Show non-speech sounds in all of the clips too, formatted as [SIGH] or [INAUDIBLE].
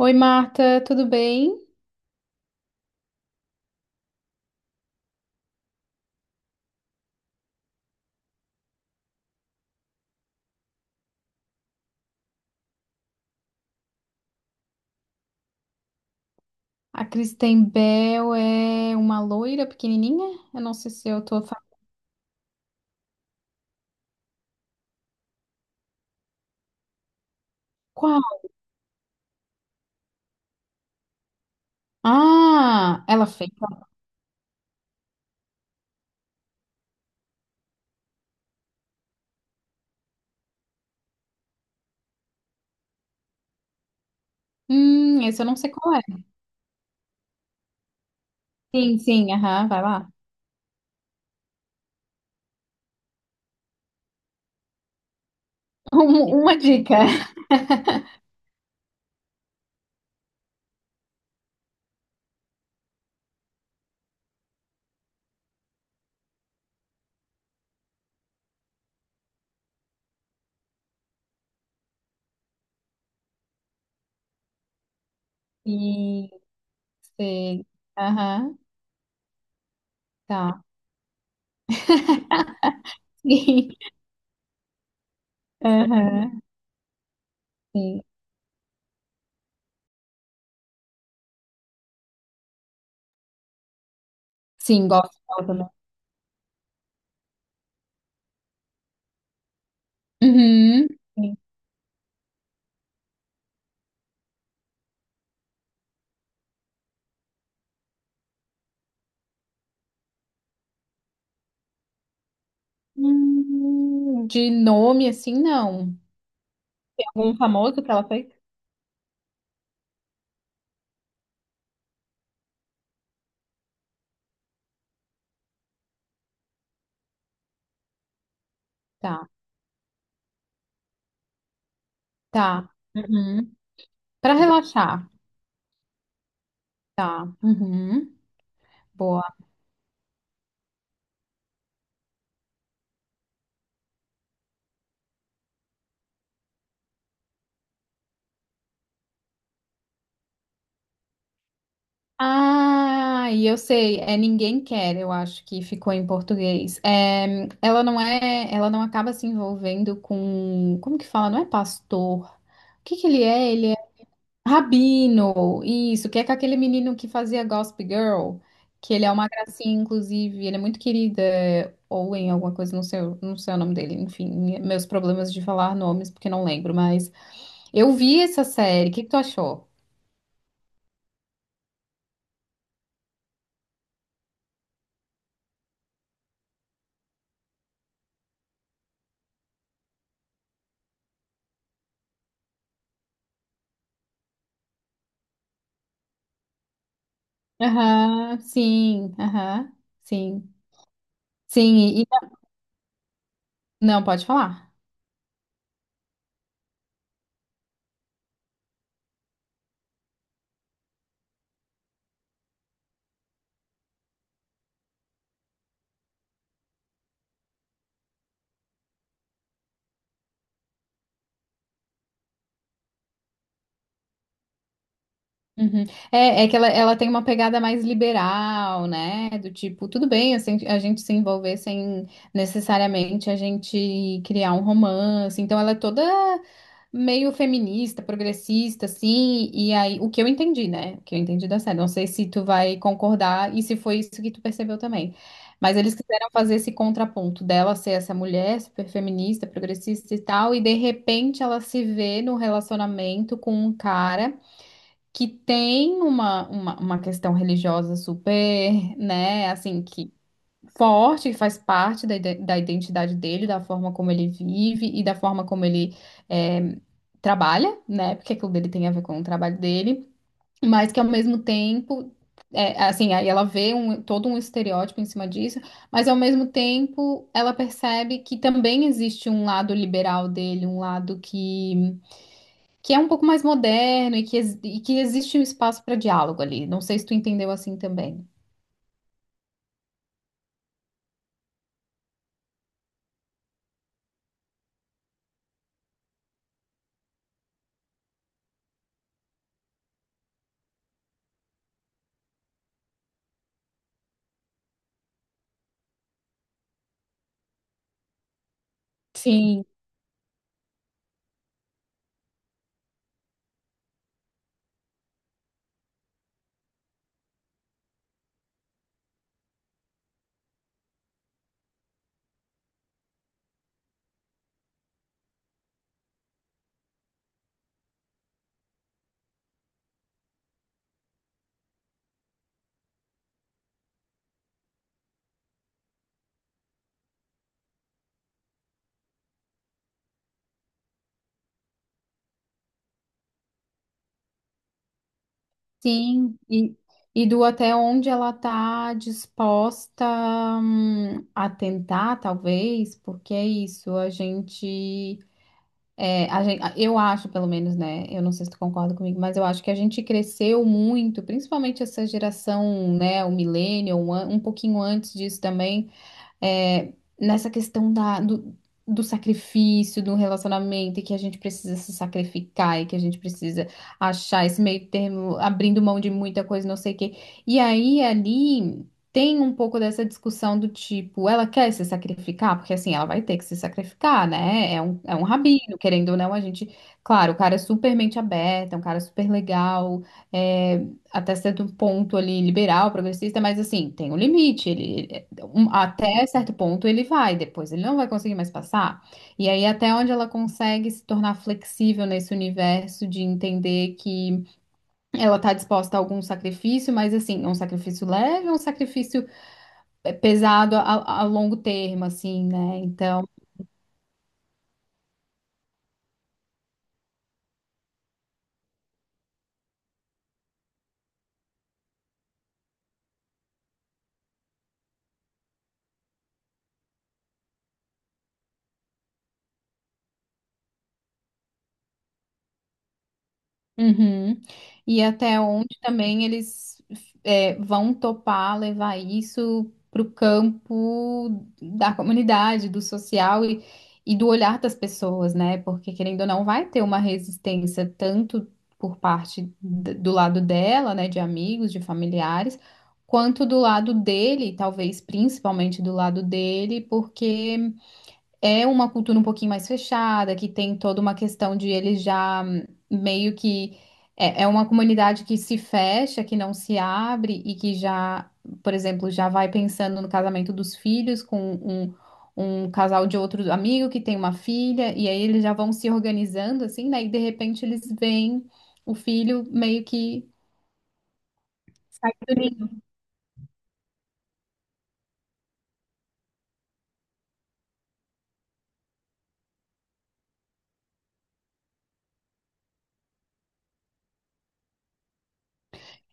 Oi, Marta, tudo bem? A Kristen Bell é uma loira pequenininha? Eu não sei se eu tô falando. Qual? Ah, ela fez. Esse eu não sei qual é. Sim, sim, aham, vai lá. [LAUGHS] Um- uma dica. [LAUGHS] Sim, sei. Aham, tá. [LAUGHS] Sim. Aham, sim. Sim, gosto dela também. Uhum. Sim. De nome assim, não. Tem algum famoso que ela fez? Tá, tá. Uhum. Pra relaxar, tá. Uhum. Boa. Ah, e eu sei, é Ninguém Quer, eu acho que ficou em português. É, ela não acaba se envolvendo com, como que fala? Não é pastor. O que que ele é? Ele é rabino. Isso, que é com aquele menino que fazia Gossip Girl, que ele é uma gracinha, inclusive, ele é muito querido, é Owen, alguma coisa, não sei, não sei o nome dele, enfim, meus problemas de falar nomes porque não lembro, mas eu vi essa série. O que que tu achou? Aham, sim, aham, sim. Sim, e não, pode falar. Uhum. É, ela tem uma pegada mais liberal, né? Do tipo, tudo bem assim, a gente se envolver sem necessariamente a gente criar um romance. Então ela é toda meio feminista, progressista, assim. E aí, o que eu entendi, né? O que eu entendi da série. Não sei se tu vai concordar e se foi isso que tu percebeu também. Mas eles quiseram fazer esse contraponto dela ser essa mulher super feminista, progressista e tal, e de repente ela se vê no relacionamento com um cara que tem uma questão religiosa super, né, assim, que forte, que faz parte da, da identidade dele, da forma como ele vive e da forma como ele é, trabalha, né, porque aquilo dele tem a ver com o trabalho dele, mas que ao mesmo tempo. É, assim, aí ela vê todo um estereótipo em cima disso, mas ao mesmo tempo ela percebe que também existe um lado liberal dele, um lado que é um pouco mais moderno e que, e que existe um espaço para diálogo ali. Não sei se tu entendeu assim também. Sim. Sim, e do até onde ela está disposta, a tentar, talvez, porque é isso, a gente, é, a gente, eu acho, pelo menos, né? Eu não sei se tu concorda comigo, mas eu acho que a gente cresceu muito, principalmente essa geração, né, o millennial, um, um pouquinho antes disso também é, nessa questão da, do, do sacrifício, do relacionamento, e que a gente precisa se sacrificar, e que a gente precisa achar esse meio termo, abrindo mão de muita coisa, não sei o quê. E aí, ali, tem um pouco dessa discussão do tipo, ela quer se sacrificar? Porque, assim, ela vai ter que se sacrificar, né? É um rabino, querendo ou não, a gente... Claro, o cara é super mente aberta, é um cara super legal, é, até certo ponto ali liberal, progressista, mas assim, tem um limite. Ele, até certo ponto ele vai, depois ele não vai conseguir mais passar. E aí, até onde ela consegue se tornar flexível nesse universo de entender que ela está disposta a algum sacrifício, mas assim, é um sacrifício leve, é um sacrifício pesado a longo termo, assim, né? Então. Uhum. E até onde também eles é, vão topar levar isso para o campo da comunidade, do social e do olhar das pessoas, né? Porque querendo ou não, vai ter uma resistência tanto por parte do lado dela, né, de amigos, de familiares, quanto do lado dele, talvez principalmente do lado dele, porque é uma cultura um pouquinho mais fechada, que tem toda uma questão de eles já meio que é, é uma comunidade que se fecha, que não se abre e que já, por exemplo, já vai pensando no casamento dos filhos com um, um casal de outro amigo que tem uma filha, e aí eles já vão se organizando assim, né? E de repente eles veem o filho meio que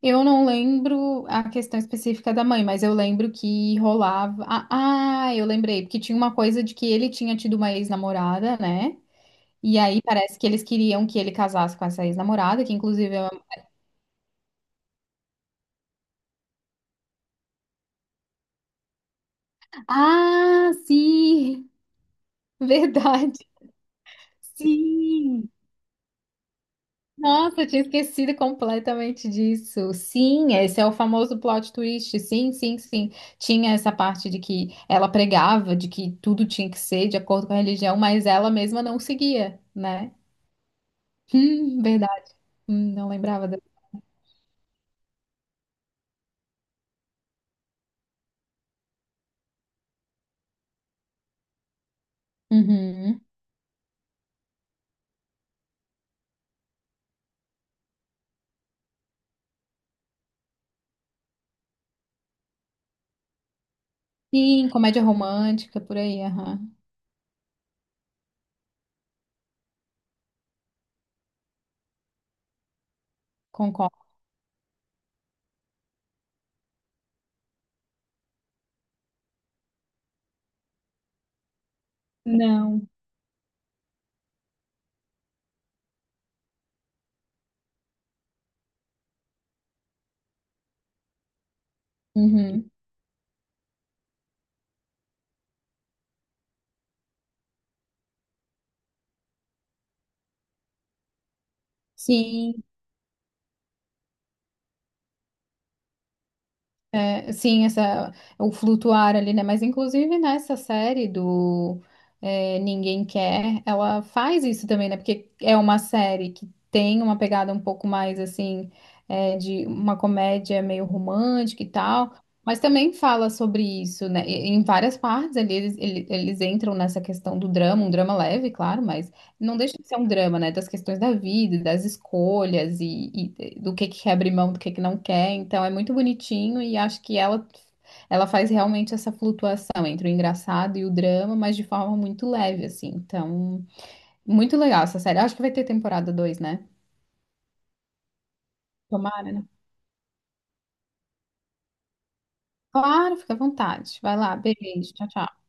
Eu não lembro a questão específica da mãe, mas eu lembro que rolava. Eu lembrei, porque tinha uma coisa de que ele tinha tido uma ex-namorada, né? E aí parece que eles queriam que ele casasse com essa ex-namorada, que inclusive é uma... Ah, sim! [LAUGHS] Verdade! Sim! Nossa, eu tinha esquecido completamente disso. Sim, esse é o famoso plot twist. Sim, sim, sim. Tinha essa parte de que ela pregava, de que tudo tinha que ser de acordo com a religião, mas ela mesma não seguia, né? Verdade. Não lembrava dela. Uhum. Sim, comédia romântica, por aí, aham. Concordo. Não. Uhum. Sim. É, sim, essa, o flutuar ali, né? Mas inclusive nessa série do é, Ninguém Quer, ela faz isso também, né? Porque é uma série que tem uma pegada um pouco mais assim, é, de uma comédia meio romântica e tal, mas também fala sobre isso, né? E- Em várias partes ali eles entram nessa questão do drama, um drama leve, claro, mas não deixa de ser um drama, né? Das questões da vida, das escolhas e do que quer abrir mão, do que não quer. Então é muito bonitinho e acho que ela faz realmente essa flutuação entre o engraçado e o drama, mas de forma muito leve, assim. Então, muito legal essa série. Acho que vai ter temporada 2, né? Tomara, né? Claro, fica à vontade. Vai lá, beijo, tchau, tchau.